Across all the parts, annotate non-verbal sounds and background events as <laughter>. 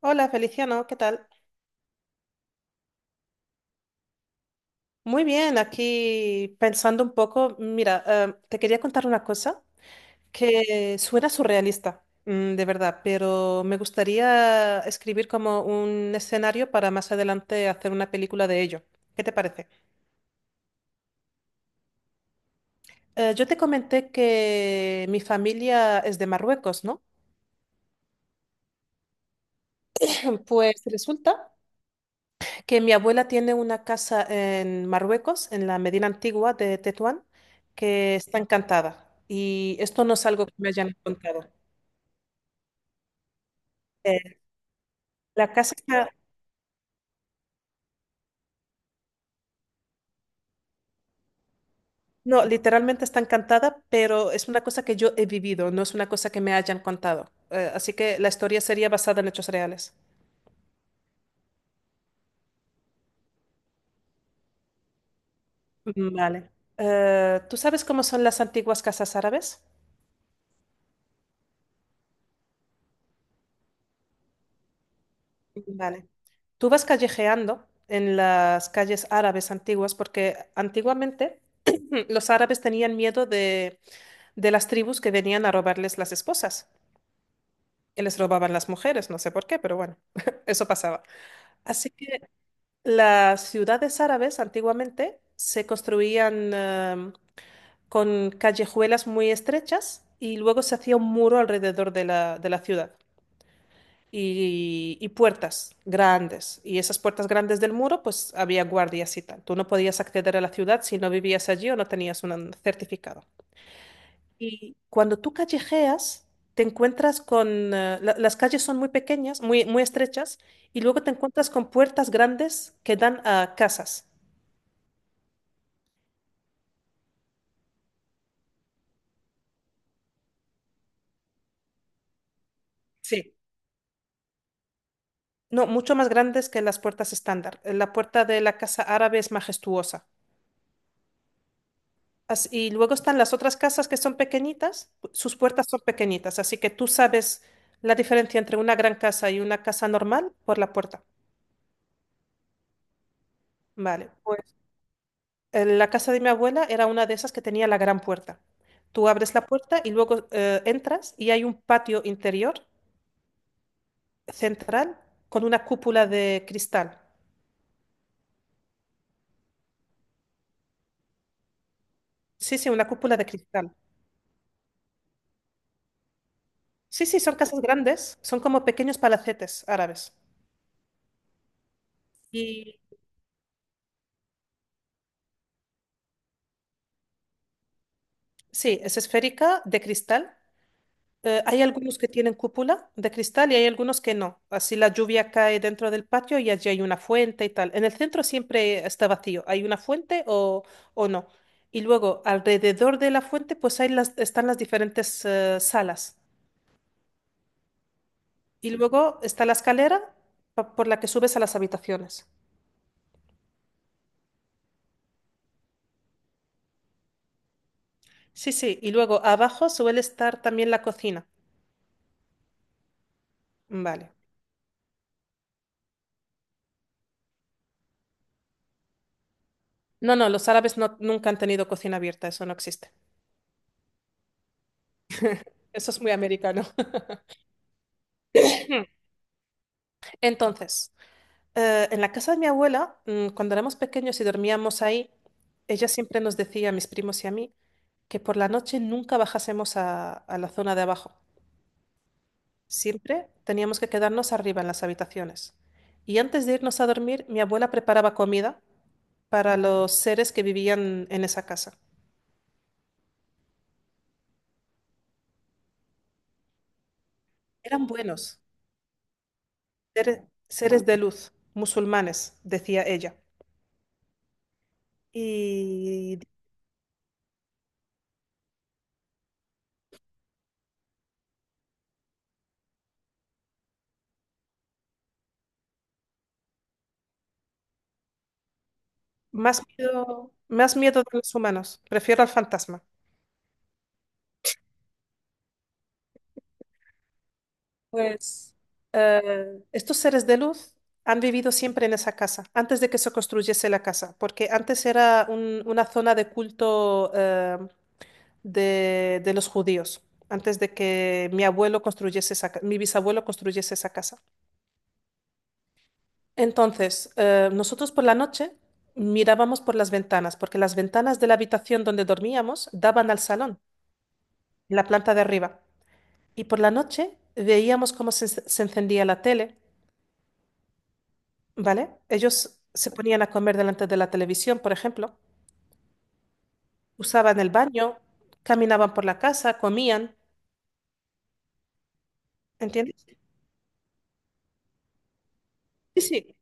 Hola Feliciano, ¿qué tal? Muy bien, aquí pensando un poco, mira, te quería contar una cosa que suena surrealista, mm, de verdad, pero me gustaría escribir como un escenario para más adelante hacer una película de ello. ¿Qué te parece? Yo te comenté que mi familia es de Marruecos, ¿no? <clears throat> Pues resulta que mi abuela tiene una casa en Marruecos, en la Medina Antigua de Tetuán, que está encantada. Y esto no es algo que me hayan contado. Eh, la casa está, no, literalmente está encantada, pero es una cosa que yo he vivido, no es una cosa que me hayan contado. Así que la historia sería basada en hechos reales. Vale. ¿Tú sabes cómo son las antiguas casas árabes? Vale. Tú vas callejeando en las calles árabes antiguas porque antiguamente <clears throat> los árabes tenían miedo de las tribus que venían a robarles las esposas. Y les robaban las mujeres, no sé por qué, pero bueno, <laughs> eso pasaba. Así que las ciudades árabes antiguamente se construían con callejuelas muy estrechas y luego se hacía un muro alrededor de de la ciudad. Y, y puertas grandes. Y esas puertas grandes del muro, pues había guardias y tal. Tú no podías acceder a la ciudad si no vivías allí o no tenías un certificado. Y cuando tú callejeas, te encuentras con... las calles son muy pequeñas, muy, muy estrechas, y luego te encuentras con puertas grandes que dan a casas. Sí. No, mucho más grandes que las puertas estándar. La puerta de la casa árabe es majestuosa. Y luego están las otras casas que son pequeñitas, sus puertas son pequeñitas, así que tú sabes la diferencia entre una gran casa y una casa normal por la puerta. Vale, pues la casa de mi abuela era una de esas que tenía la gran puerta. Tú abres la puerta y luego entras y hay un patio interior central con una cúpula de cristal. Sí, sí, una cúpula de cristal. Sí, sí, son casas grandes, son como pequeños palacetes árabes. Y sí, es esférica de cristal. Hay algunos que tienen cúpula de cristal y hay algunos que no. Así la lluvia cae dentro del patio y allí hay una fuente y tal. En el centro siempre está vacío. ¿Hay una fuente o no? Y luego alrededor de la fuente pues hay las, están las diferentes salas. Y luego está la escalera por la que subes a las habitaciones. Sí, sí. Y luego abajo suele estar también la cocina. Vale. No, no, los árabes no, nunca han tenido cocina abierta. Eso no existe. Eso es muy americano. <laughs> <clears throat> Entonces. En la casa de mi abuela, mm, cuando éramos pequeños y dormíamos ahí, ella siempre nos decía, a mis primos y a mí, que por la noche nunca bajásemos a la zona de abajo. Siempre teníamos que quedarnos arriba en las habitaciones. Y antes de irnos a dormir, mi abuela preparaba comida para los seres que vivían en esa casa. Eran buenos, seres, seres de luz, musulmanes, decía ella. Y más miedo de los humanos, prefiero al fantasma. Pues estos seres de luz han vivido siempre en esa casa, antes de que se construyese la casa, porque antes era una zona de culto de los judíos, antes de que mi abuelo construyese esa, mi bisabuelo construyese esa casa. Entonces, nosotros por la noche mirábamos por las ventanas, porque las ventanas de la habitación donde dormíamos daban al salón, en la planta de arriba, y por la noche veíamos cómo se encendía la tele, ¿vale? Ellos se ponían a comer delante de la televisión, por ejemplo, usaban el baño, caminaban por la casa, comían, ¿entiendes? Sí, sí,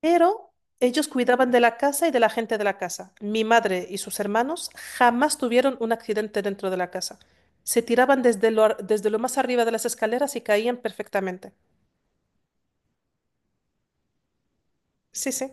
pero ellos cuidaban de la casa y de la gente de la casa. Mi madre y sus hermanos jamás tuvieron un accidente dentro de la casa. Se tiraban desde lo, desde lo más arriba de las escaleras y caían perfectamente. Sí, sí,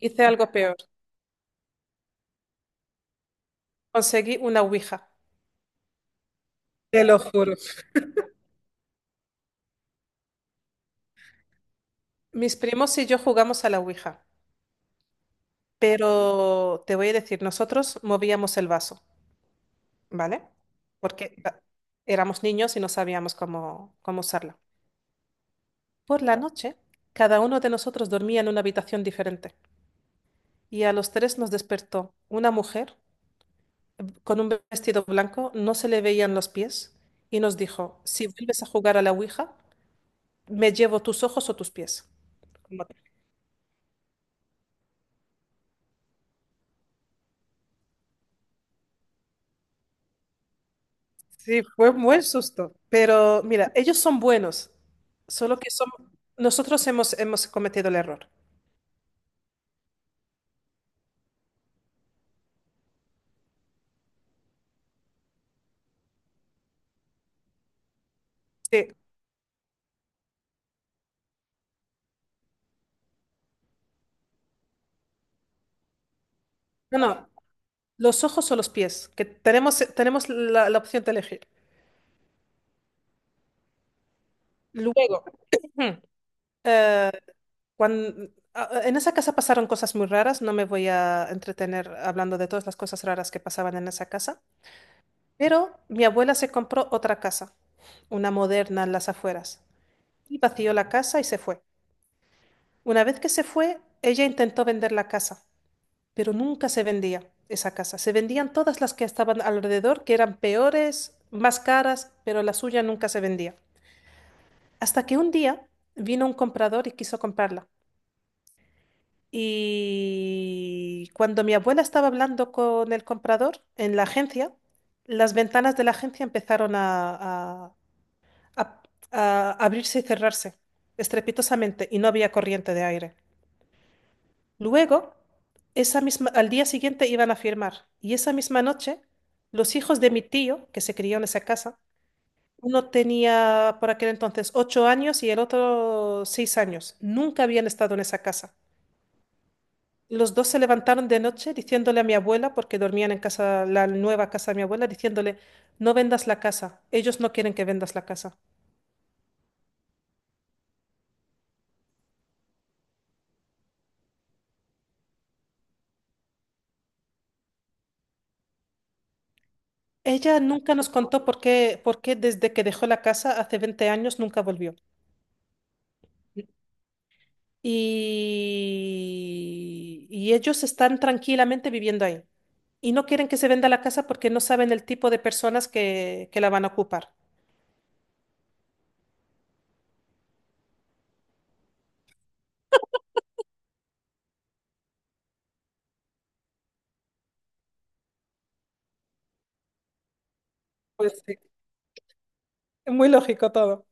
hice algo peor. Conseguí una ouija. Te lo juro. Mis primos y yo jugamos a la ouija. Pero te voy a decir, nosotros movíamos el vaso, ¿vale? Porque ah, éramos niños y no sabíamos cómo, cómo usarla. Por la noche, cada uno de nosotros dormía en una habitación diferente y a los tres nos despertó una mujer con un vestido blanco, no se le veían los pies y nos dijo, si vuelves a jugar a la Ouija, me llevo tus ojos o tus pies. Como- Sí, fue un buen susto. Pero mira, ellos son buenos, solo que son... Nosotros hemos, hemos cometido el error. Sí. Bueno, los ojos o los pies, que tenemos, tenemos la, la opción de elegir. Luego, <clears throat> eh, en esa casa pasaron cosas muy raras, no me voy a entretener hablando de todas las cosas raras que pasaban en esa casa, pero mi abuela se compró otra casa, una moderna en las afueras, y vació la casa y se fue. Una vez que se fue, ella intentó vender la casa, pero nunca se vendía esa casa. Se vendían todas las que estaban alrededor, que eran peores, más caras, pero la suya nunca se vendía. Hasta que un día vino un comprador y quiso comprarla. Y cuando mi abuela estaba hablando con el comprador en la agencia, las ventanas de la agencia empezaron a- a abrirse y cerrarse estrepitosamente y no había corriente de aire. Luego, esa misma, al día siguiente iban a firmar y esa misma noche los hijos de mi tío, que se crió en esa casa, uno tenía por aquel entonces 8 años y el otro 6 años. Nunca habían estado en esa casa. Los dos se levantaron de noche diciéndole a mi abuela, porque dormían en casa, la nueva casa de mi abuela, diciéndole, no vendas la casa, ellos no quieren que vendas la casa. Ella nunca nos contó por qué desde que dejó la casa hace 20 años nunca volvió. Y, y ellos están tranquilamente viviendo ahí. Y no quieren que se venda la casa porque no saben el tipo de personas que la van a ocupar. Pues sí, es muy lógico todo.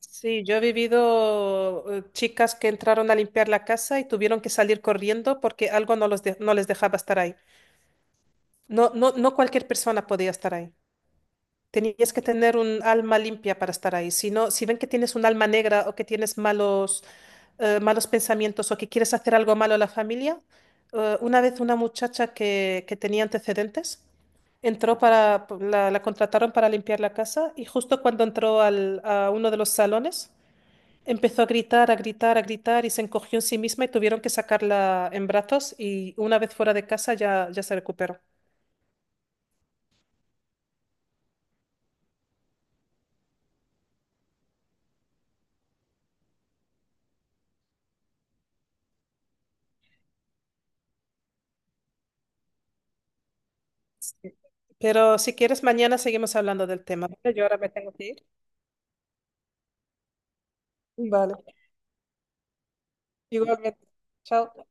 Sí, yo he vivido chicas que entraron a limpiar la casa y tuvieron que salir corriendo porque algo no, no les dejaba estar ahí. No, no, no cualquier persona podía estar ahí. Tenías que tener un alma limpia para estar ahí. Si no, si ven que tienes un alma negra o que tienes malos malos pensamientos o que quieres hacer algo malo a la familia. Una vez una muchacha que tenía antecedentes entró para, la contrataron para limpiar la casa y justo cuando entró a uno de los salones empezó a gritar, a gritar, a gritar y se encogió en sí misma y tuvieron que sacarla en brazos y una vez fuera de casa ya, ya se recuperó. Sí. Pero si quieres, mañana seguimos hablando del tema, ¿vale? Yo ahora me tengo que ir. Vale, igualmente. Chao.